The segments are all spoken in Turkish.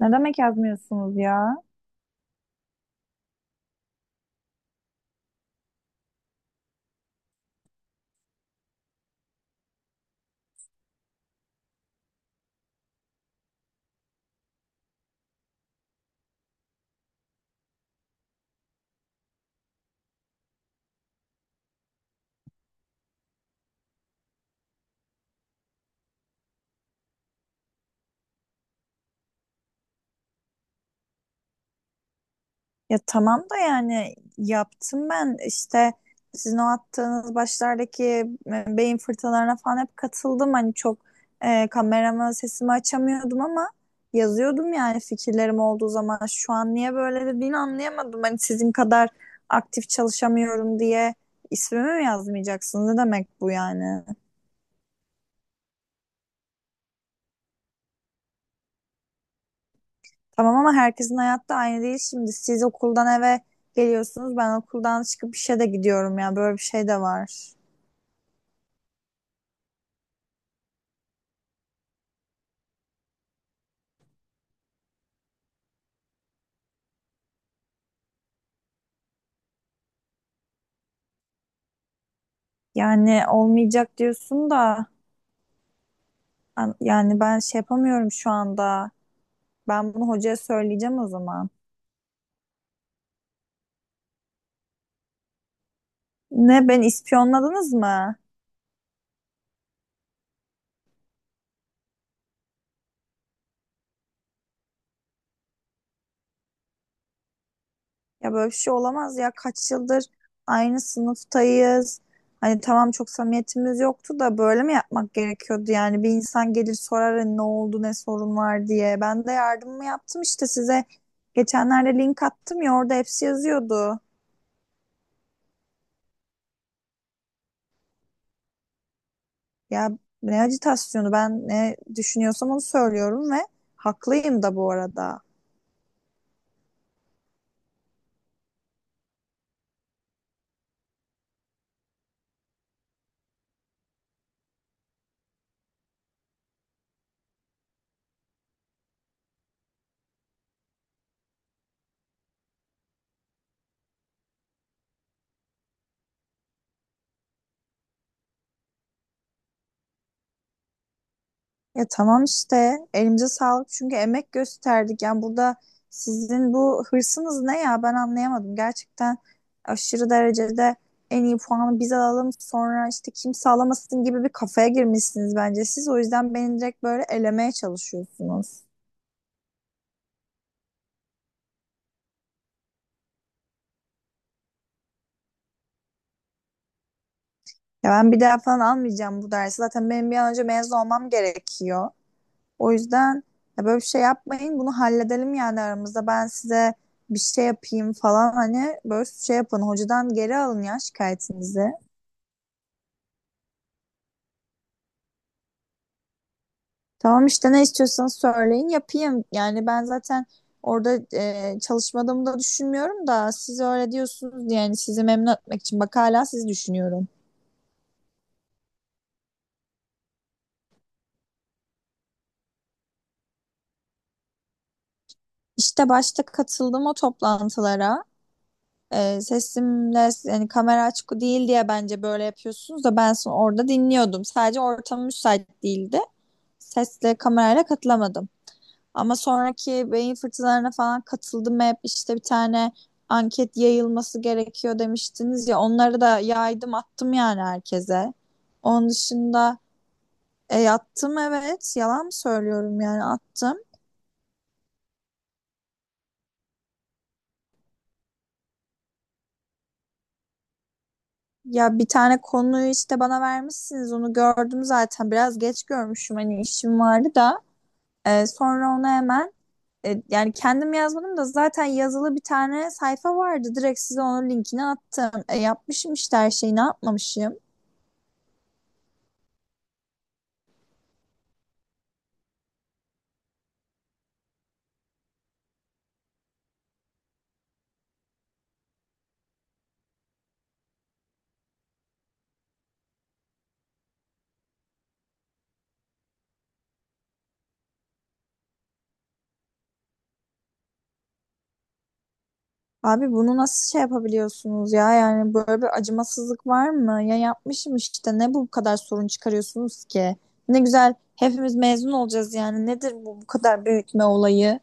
Ne demek yazmıyorsunuz ya? Ya tamam da yani yaptım ben işte sizin o attığınız başlardaki beyin fırtınalarına falan hep katıldım. Hani çok kamerama sesimi açamıyordum ama yazıyordum yani fikirlerim olduğu zaman. Şu an niye böyle dediğini anlayamadım. Hani sizin kadar aktif çalışamıyorum diye ismimi mi yazmayacaksınız? Ne demek bu yani? Tamam ama herkesin hayatta aynı değil şimdi. Siz okuldan eve geliyorsunuz. Ben okuldan çıkıp işe de gidiyorum ya. Böyle bir şey de var. Yani olmayacak diyorsun da yani ben şey yapamıyorum şu anda. Ben bunu hocaya söyleyeceğim o zaman. Ne, beni ispiyonladınız mı? Ya böyle bir şey olamaz ya. Kaç yıldır aynı sınıftayız. Hani tamam çok samimiyetimiz yoktu da böyle mi yapmak gerekiyordu yani? Bir insan gelir sorar hani ne oldu, ne sorun var diye. Ben de yardımımı yaptım işte size. Geçenlerde link attım ya, orada hepsi yazıyordu. Ya ne acitasyonu, ben ne düşünüyorsam onu söylüyorum ve haklıyım da bu arada. Ya tamam işte, elimize sağlık çünkü emek gösterdik. Yani burada sizin bu hırsınız ne ya, ben anlayamadım. Gerçekten aşırı derecede en iyi puanı biz alalım, sonra işte kimse alamasın gibi bir kafaya girmişsiniz bence siz. O yüzden beni direkt böyle elemeye çalışıyorsunuz. Ya ben bir daha falan almayacağım bu dersi. Zaten benim bir an önce mezun olmam gerekiyor. O yüzden ya böyle bir şey yapmayın. Bunu halledelim yani aramızda. Ben size bir şey yapayım falan, hani böyle şey yapın. Hocadan geri alın ya şikayetinizi. Tamam işte, ne istiyorsanız söyleyin yapayım. Yani ben zaten orada çalışmadığımı da düşünmüyorum da siz öyle diyorsunuz diye, yani sizi memnun etmek için bak hala siz düşünüyorum. İşte başta katıldım o toplantılara. Sesimle yani kamera açık değil diye bence böyle yapıyorsunuz da ben sonra orada dinliyordum. Sadece ortam müsait değildi, sesle kamerayla katılamadım. Ama sonraki beyin fırtınalarına falan katıldım hep, işte bir tane anket yayılması gerekiyor demiştiniz ya, onları da yaydım, attım yani herkese. Onun dışında attım, evet, yalan mı söylüyorum, yani attım. Ya bir tane konuyu işte bana vermişsiniz, onu gördüm zaten, biraz geç görmüşüm hani, işim vardı da. E, sonra onu hemen E, Yani kendim yazmadım da zaten yazılı bir tane sayfa vardı. Direkt size onun linkini attım. Yapmışım işte her şeyi, ne yapmamışım. Abi bunu nasıl şey yapabiliyorsunuz ya? Yani böyle bir acımasızlık var mı? Ya yapmışım işte. Ne bu kadar sorun çıkarıyorsunuz ki? Ne güzel hepimiz mezun olacağız yani. Nedir bu bu kadar büyütme olayı?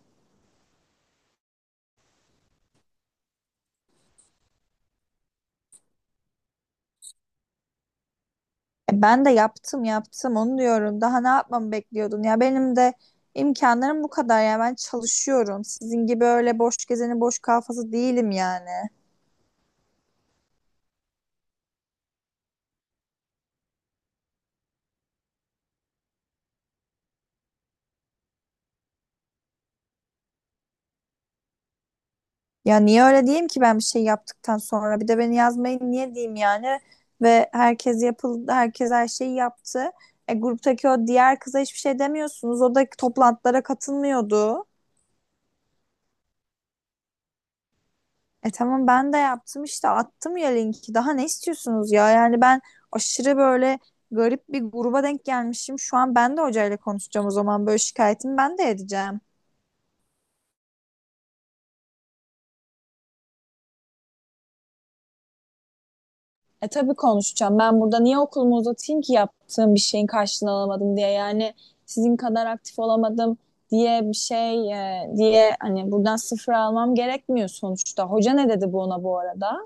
Ben de yaptım onu diyorum. Daha ne yapmamı bekliyordun? Ya benim de imkanlarım bu kadar ya. Ben çalışıyorum. Sizin gibi öyle boş gezeni boş kafası değilim yani. Ya niye öyle diyeyim ki, ben bir şey yaptıktan sonra bir de beni yazmayın niye diyeyim yani? Ve herkes yapıldı, herkes her şeyi yaptı. Gruptaki o diğer kıza hiçbir şey demiyorsunuz. O da toplantılara katılmıyordu. E tamam, ben de yaptım işte, attım ya linki. Daha ne istiyorsunuz ya? Yani ben aşırı böyle garip bir gruba denk gelmişim. Şu an ben de hocayla konuşacağım o zaman, böyle şikayetimi ben de edeceğim. E tabii konuşacağım. Ben burada niye okulumu uzatayım ki, yaptığım bir şeyin karşılığını alamadım diye. Yani sizin kadar aktif olamadım diye bir şey, diye hani, buradan sıfır almam gerekmiyor sonuçta. Hoca ne dedi bu ona bu arada?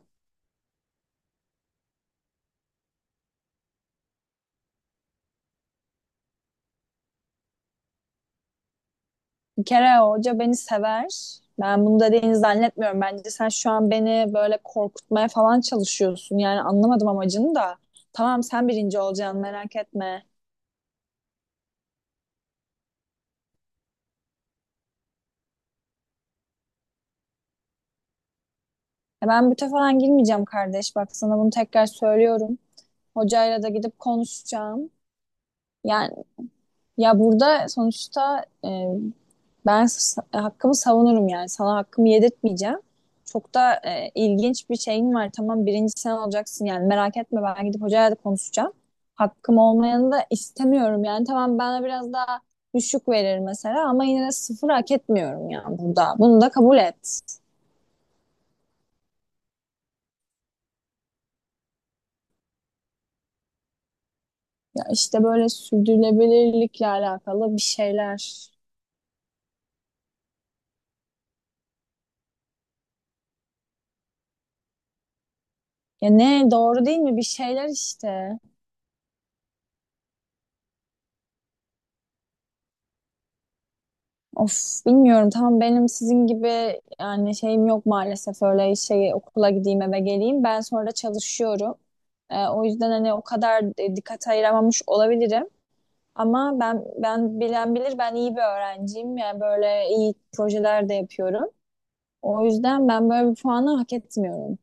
Bir kere hoca beni sever. Ben bunu dediğini zannetmiyorum. Bence sen şu an beni böyle korkutmaya falan çalışıyorsun. Yani anlamadım amacını da. Tamam sen birinci olacaksın, merak etme. E ben büte falan girmeyeceğim kardeş. Bak sana bunu tekrar söylüyorum. Hocayla da gidip konuşacağım. Yani ya burada sonuçta hakkımı savunurum yani. Sana hakkımı yedirtmeyeceğim. Çok da ilginç bir şeyim var. Tamam birinci sen olacaksın yani, merak etme, ben gidip hocayla da konuşacağım. Hakkım olmayanı da istemiyorum yani. Tamam bana biraz daha düşük verir mesela, ama yine de sıfır hak etmiyorum yani burada. Bunu da kabul et. Ya işte böyle sürdürülebilirlikle alakalı bir şeyler. Ya ne, doğru değil mi? Bir şeyler işte. Of bilmiyorum, tam benim sizin gibi yani şeyim yok maalesef, öyle şey okula gideyim eve geleyim. Ben sonra çalışıyorum. O yüzden hani o kadar dikkat ayıramamış olabilirim. Ama ben bilen bilir, ben iyi bir öğrenciyim. Yani böyle iyi projeler de yapıyorum. O yüzden ben böyle bir puanı hak etmiyorum.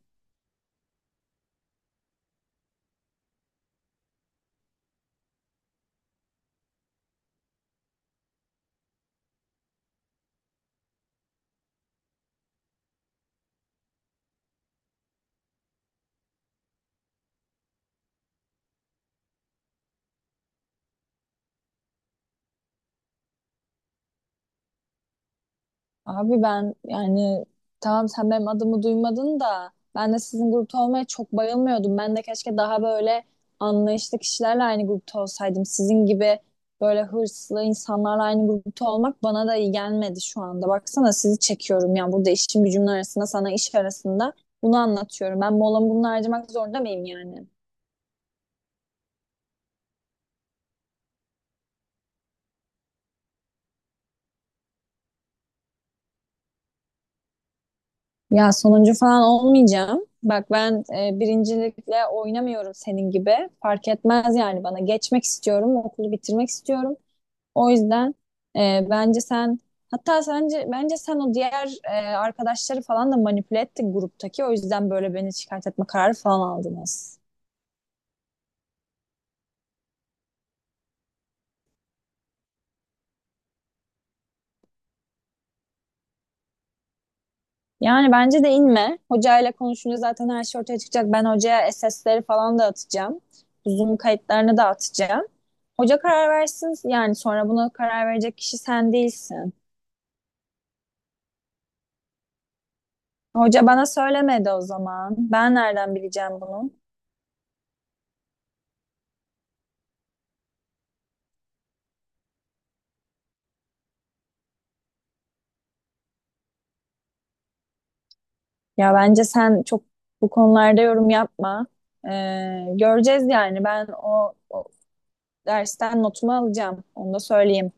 Abi ben yani, tamam sen benim adımı duymadın da, ben de sizin grupta olmaya çok bayılmıyordum. Ben de keşke daha böyle anlayışlı kişilerle aynı grupta olsaydım. Sizin gibi böyle hırslı insanlarla aynı grupta olmak bana da iyi gelmedi şu anda. Baksana sizi çekiyorum yani burada, işim gücümün arasında, sana iş arasında bunu anlatıyorum. Ben molamı bunu harcamak zorunda mıyım yani? Ya sonuncu falan olmayacağım. Bak ben birincilikle oynamıyorum senin gibi. Fark etmez yani bana. Geçmek istiyorum, okulu bitirmek istiyorum. O yüzden e, bence sen bence sen o diğer arkadaşları falan da manipüle ettin gruptaki. O yüzden böyle beni şikayet etme kararı falan aldınız. Yani bence de inme. Hocayla konuşunca zaten her şey ortaya çıkacak. Ben hocaya SS'leri falan da atacağım. Zoom kayıtlarını da atacağım. Hoca karar versin. Yani sonra buna karar verecek kişi sen değilsin. Hoca bana söylemedi o zaman. Ben nereden bileceğim bunu? Ya bence sen çok bu konularda yorum yapma. Göreceğiz yani. Ben o dersten notumu alacağım. Onu da söyleyeyim.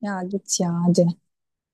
Ya git ya, hadi.